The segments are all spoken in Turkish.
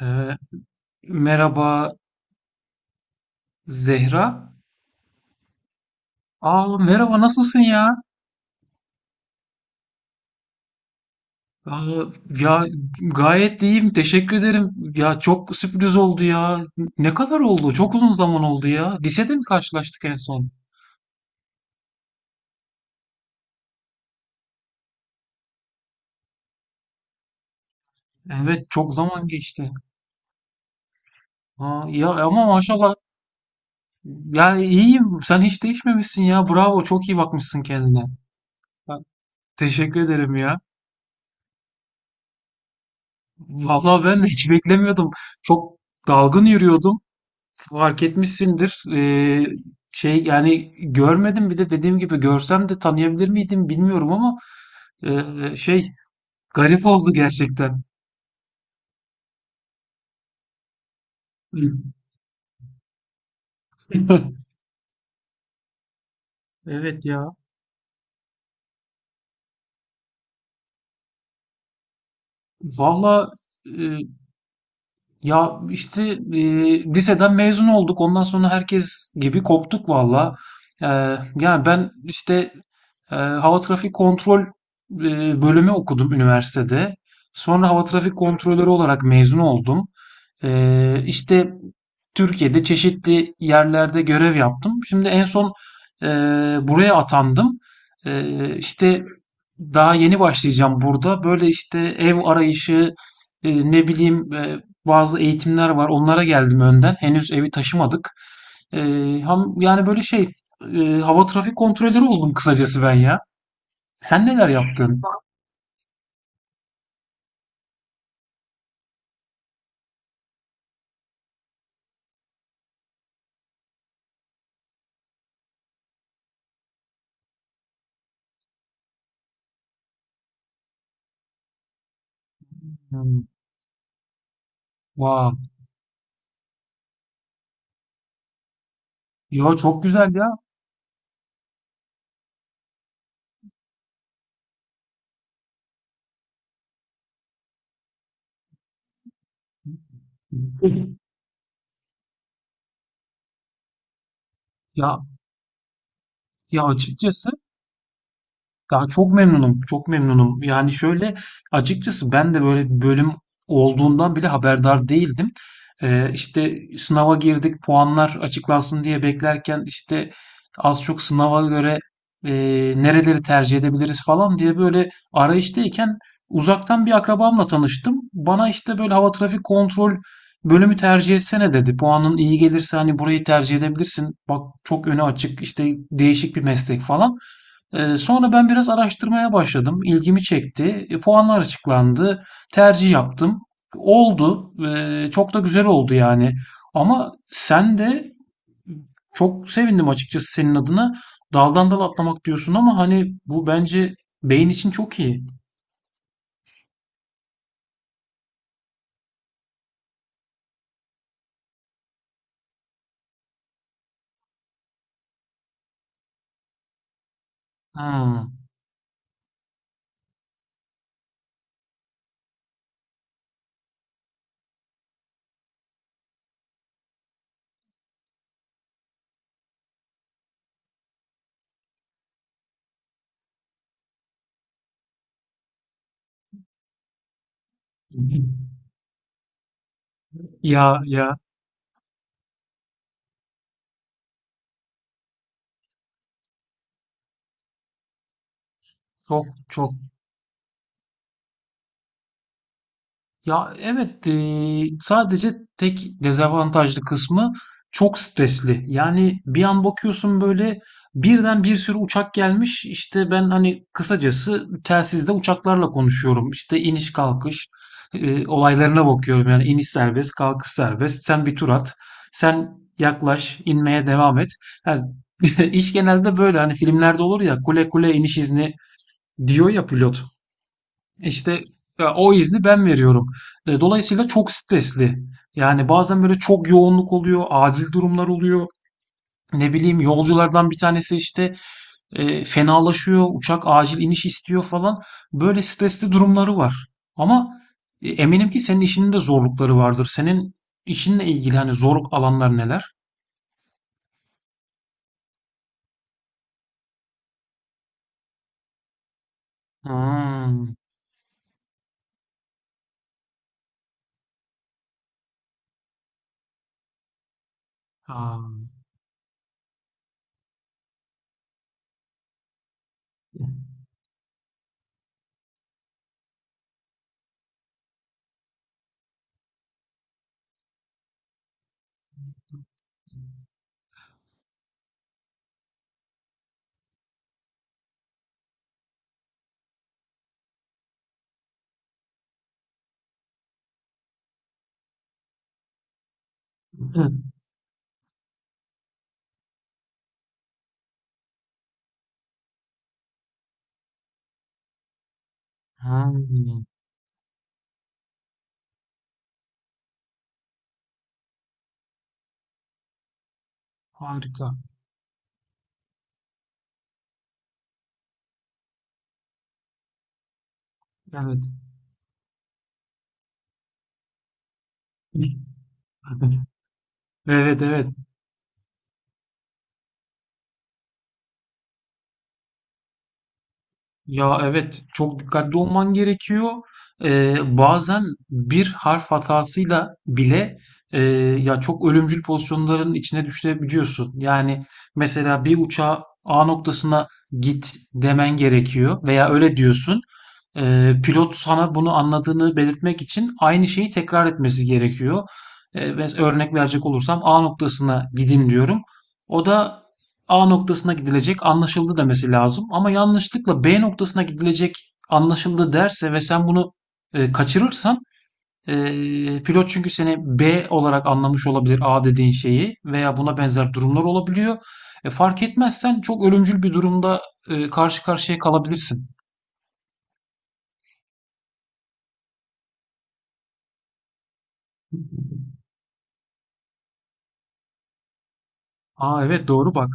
Ee, Merhaba Zehra. Aa, merhaba, nasılsın ya? Aa, ya, gayet iyiyim, teşekkür ederim. Ya çok sürpriz oldu ya. Ne kadar oldu? Çok uzun zaman oldu ya. Lisede mi karşılaştık en son? Evet, çok zaman geçti. Aa, ya ama maşallah. Yani iyiyim. Sen hiç değişmemişsin ya. Bravo, çok iyi bakmışsın kendine. Ha. Teşekkür ederim ya. Vallahi ben de hiç beklemiyordum. Çok dalgın yürüyordum. Fark etmişsindir. Şey, yani görmedim, bir de dediğim gibi görsem de tanıyabilir miydim bilmiyorum, ama şey, garip oldu gerçekten. Evet ya. Valla, e, ya işte, liseden mezun olduk. Ondan sonra herkes gibi koptuk valla. E, Yani ben işte, hava trafik kontrol bölümü okudum üniversitede. Sonra hava trafik kontrolörü olarak mezun oldum. İşte Türkiye'de çeşitli yerlerde görev yaptım. Şimdi en son eee, buraya atandım. İşte daha yeni başlayacağım burada. Böyle işte ev arayışı, ne bileyim, bazı eğitimler var. Onlara geldim önden. Henüz evi taşımadık. Yani böyle şey, hava trafik kontrolörü oldum kısacası ben ya. Sen neler yaptın? Hmm. Vay. Ya çok güzel ya. Ya ya, açıkçası daha çok memnunum, çok memnunum. Yani şöyle, açıkçası ben de böyle bir bölüm olduğundan bile haberdar değildim. İşte sınava girdik, puanlar açıklansın diye beklerken işte, az çok sınava göre e, nereleri tercih edebiliriz falan diye böyle arayıştayken, uzaktan bir akrabamla tanıştım. Bana işte böyle, hava trafik kontrol bölümü tercih etsene, dedi. Puanın iyi gelirse hani burayı tercih edebilirsin. Bak, çok önü açık, işte değişik bir meslek falan. Sonra ben biraz araştırmaya başladım. İlgimi çekti. Puanlar açıklandı. Tercih yaptım. Oldu. Çok da güzel oldu yani. Ama sen de, çok sevindim açıkçası senin adına. Daldan dala atlamak diyorsun, ama hani bu bence beyin için çok iyi. Hmm. Ya, çok çok. Ya evet, sadece tek dezavantajlı kısmı çok stresli. Yani bir an bakıyorsun, böyle birden bir sürü uçak gelmiş. İşte ben hani kısacası telsizde uçaklarla konuşuyorum. İşte iniş kalkış olaylarına bakıyorum. Yani iniş serbest, kalkış serbest. Sen bir tur at. Sen yaklaş, inmeye devam et. Yani iş genelde böyle, hani filmlerde olur ya, kule kule iniş izni diyor ya pilot. İşte ya, o izni ben veriyorum. Dolayısıyla çok stresli. Yani bazen böyle çok yoğunluk oluyor, acil durumlar oluyor. Ne bileyim, yolculardan bir tanesi işte fenalaşıyor, uçak acil iniş istiyor falan. Böyle stresli durumları var. Ama eminim ki senin işinin de zorlukları vardır. Senin işinle ilgili hani zorluk alanlar neler? Hmm. Ha. Hı. Hmm. Harika. Evet. Evet, evet. Ya evet, çok dikkatli olman gerekiyor. Bazen bir harf hatasıyla bile e, ya, çok ölümcül pozisyonların içine düşebiliyorsun. Yani mesela bir uçağa A noktasına git demen gerekiyor veya öyle diyorsun. Pilot sana bunu anladığını belirtmek için aynı şeyi tekrar etmesi gerekiyor. Örnek verecek olursam, A noktasına gidin diyorum. O da A noktasına gidilecek, anlaşıldı, demesi lazım. Ama yanlışlıkla B noktasına gidilecek, anlaşıldı derse ve sen bunu kaçırırsan, e, pilot, çünkü seni B olarak anlamış olabilir A dediğin şeyi, veya buna benzer durumlar olabiliyor. Fark etmezsen çok ölümcül bir durumda karşı karşıya kalabilirsin. Aa evet, doğru bak.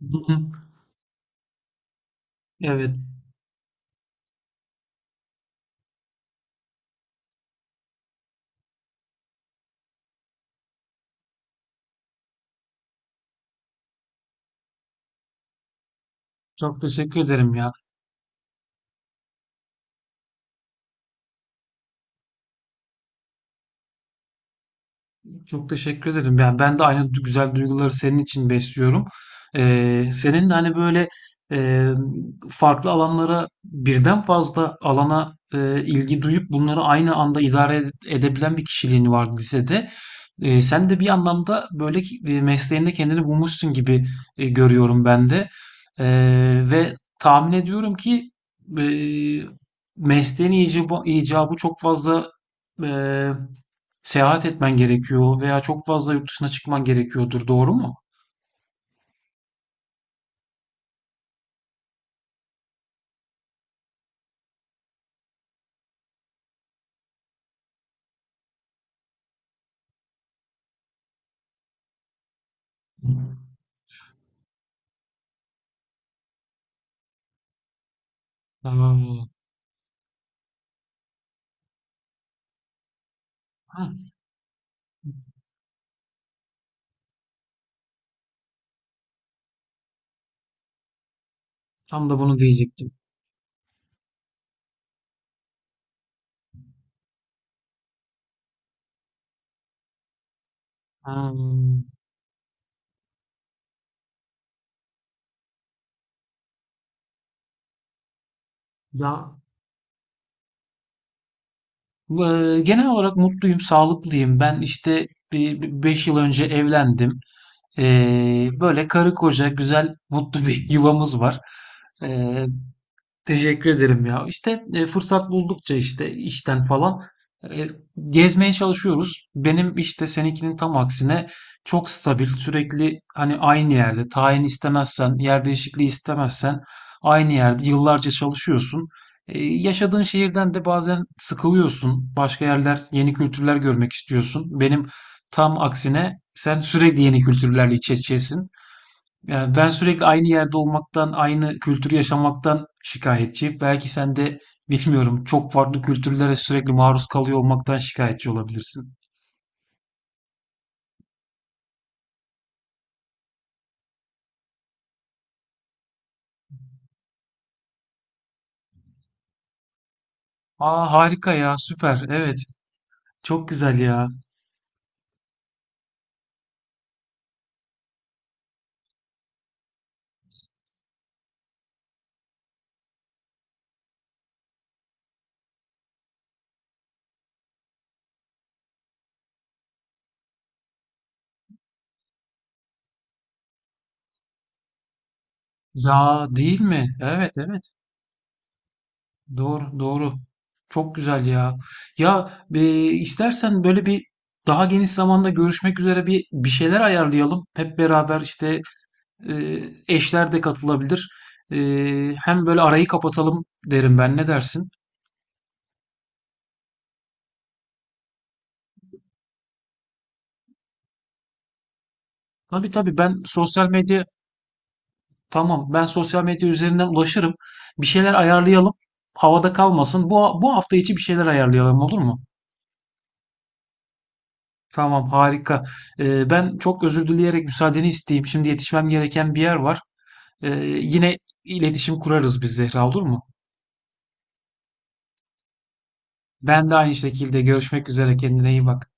Evet. Çok teşekkür ederim ya. Çok teşekkür ederim. Yani ben de aynı güzel duyguları senin için besliyorum. Senin de hani böyle e, farklı alanlara, birden fazla alana ilgi duyup bunları aynı anda idare edebilen bir kişiliğin var lisede. Sen de bir anlamda böyle mesleğinde kendini bulmuşsun gibi görüyorum ben de. Ve tahmin ediyorum ki e, mesleğin icabı, icabı çok fazla seyahat etmen gerekiyor veya çok fazla yurt dışına çıkman gerekiyordur, doğru mu? Aa, heh, tam da bunu diyecektim. Ha, ya, genel olarak mutluyum, sağlıklıyım. Ben işte 5 yıl önce evlendim. Böyle karı koca güzel, mutlu bir yuvamız var. E, Teşekkür ederim ya. İşte fırsat buldukça işte işten falan e, gezmeye çalışıyoruz. Benim işte, seninkinin tam aksine, çok stabil, sürekli hani aynı yerde, tayin istemezsen, yer değişikliği istemezsen, aynı yerde yıllarca çalışıyorsun. Yaşadığın şehirden de bazen sıkılıyorsun. Başka yerler, yeni kültürler görmek istiyorsun. Benim tam aksine sen sürekli yeni kültürlerle iç içesin. Yani ben sürekli aynı yerde olmaktan, aynı kültürü yaşamaktan şikayetçi. Belki sen de, bilmiyorum, çok farklı kültürlere sürekli maruz kalıyor olmaktan şikayetçi olabilirsin. Aa harika ya, süper, evet, çok güzel ya. Ya değil mi? Evet, evet, doğru, doğru, çok güzel ya. Ya, istersen böyle bir daha geniş zamanda görüşmek üzere bir şeyler ayarlayalım. Hep beraber işte. Ee, Eşler de katılabilir. Hem böyle arayı kapatalım derim ben. Ne dersin? Tabii, tabii, ben sosyal medya tamam, ben sosyal medya üzerinden ulaşırım. Bir şeyler ayarlayalım. Havada kalmasın. Bu hafta içi bir şeyler ayarlayalım, olur mu? Tamam, harika. Ben çok özür dileyerek müsaadeni isteyeyim. Şimdi yetişmem gereken bir yer var. Ee, Yine iletişim kurarız biz Zehra, olur mu? Ben de aynı şekilde, görüşmek üzere. Kendine iyi bak.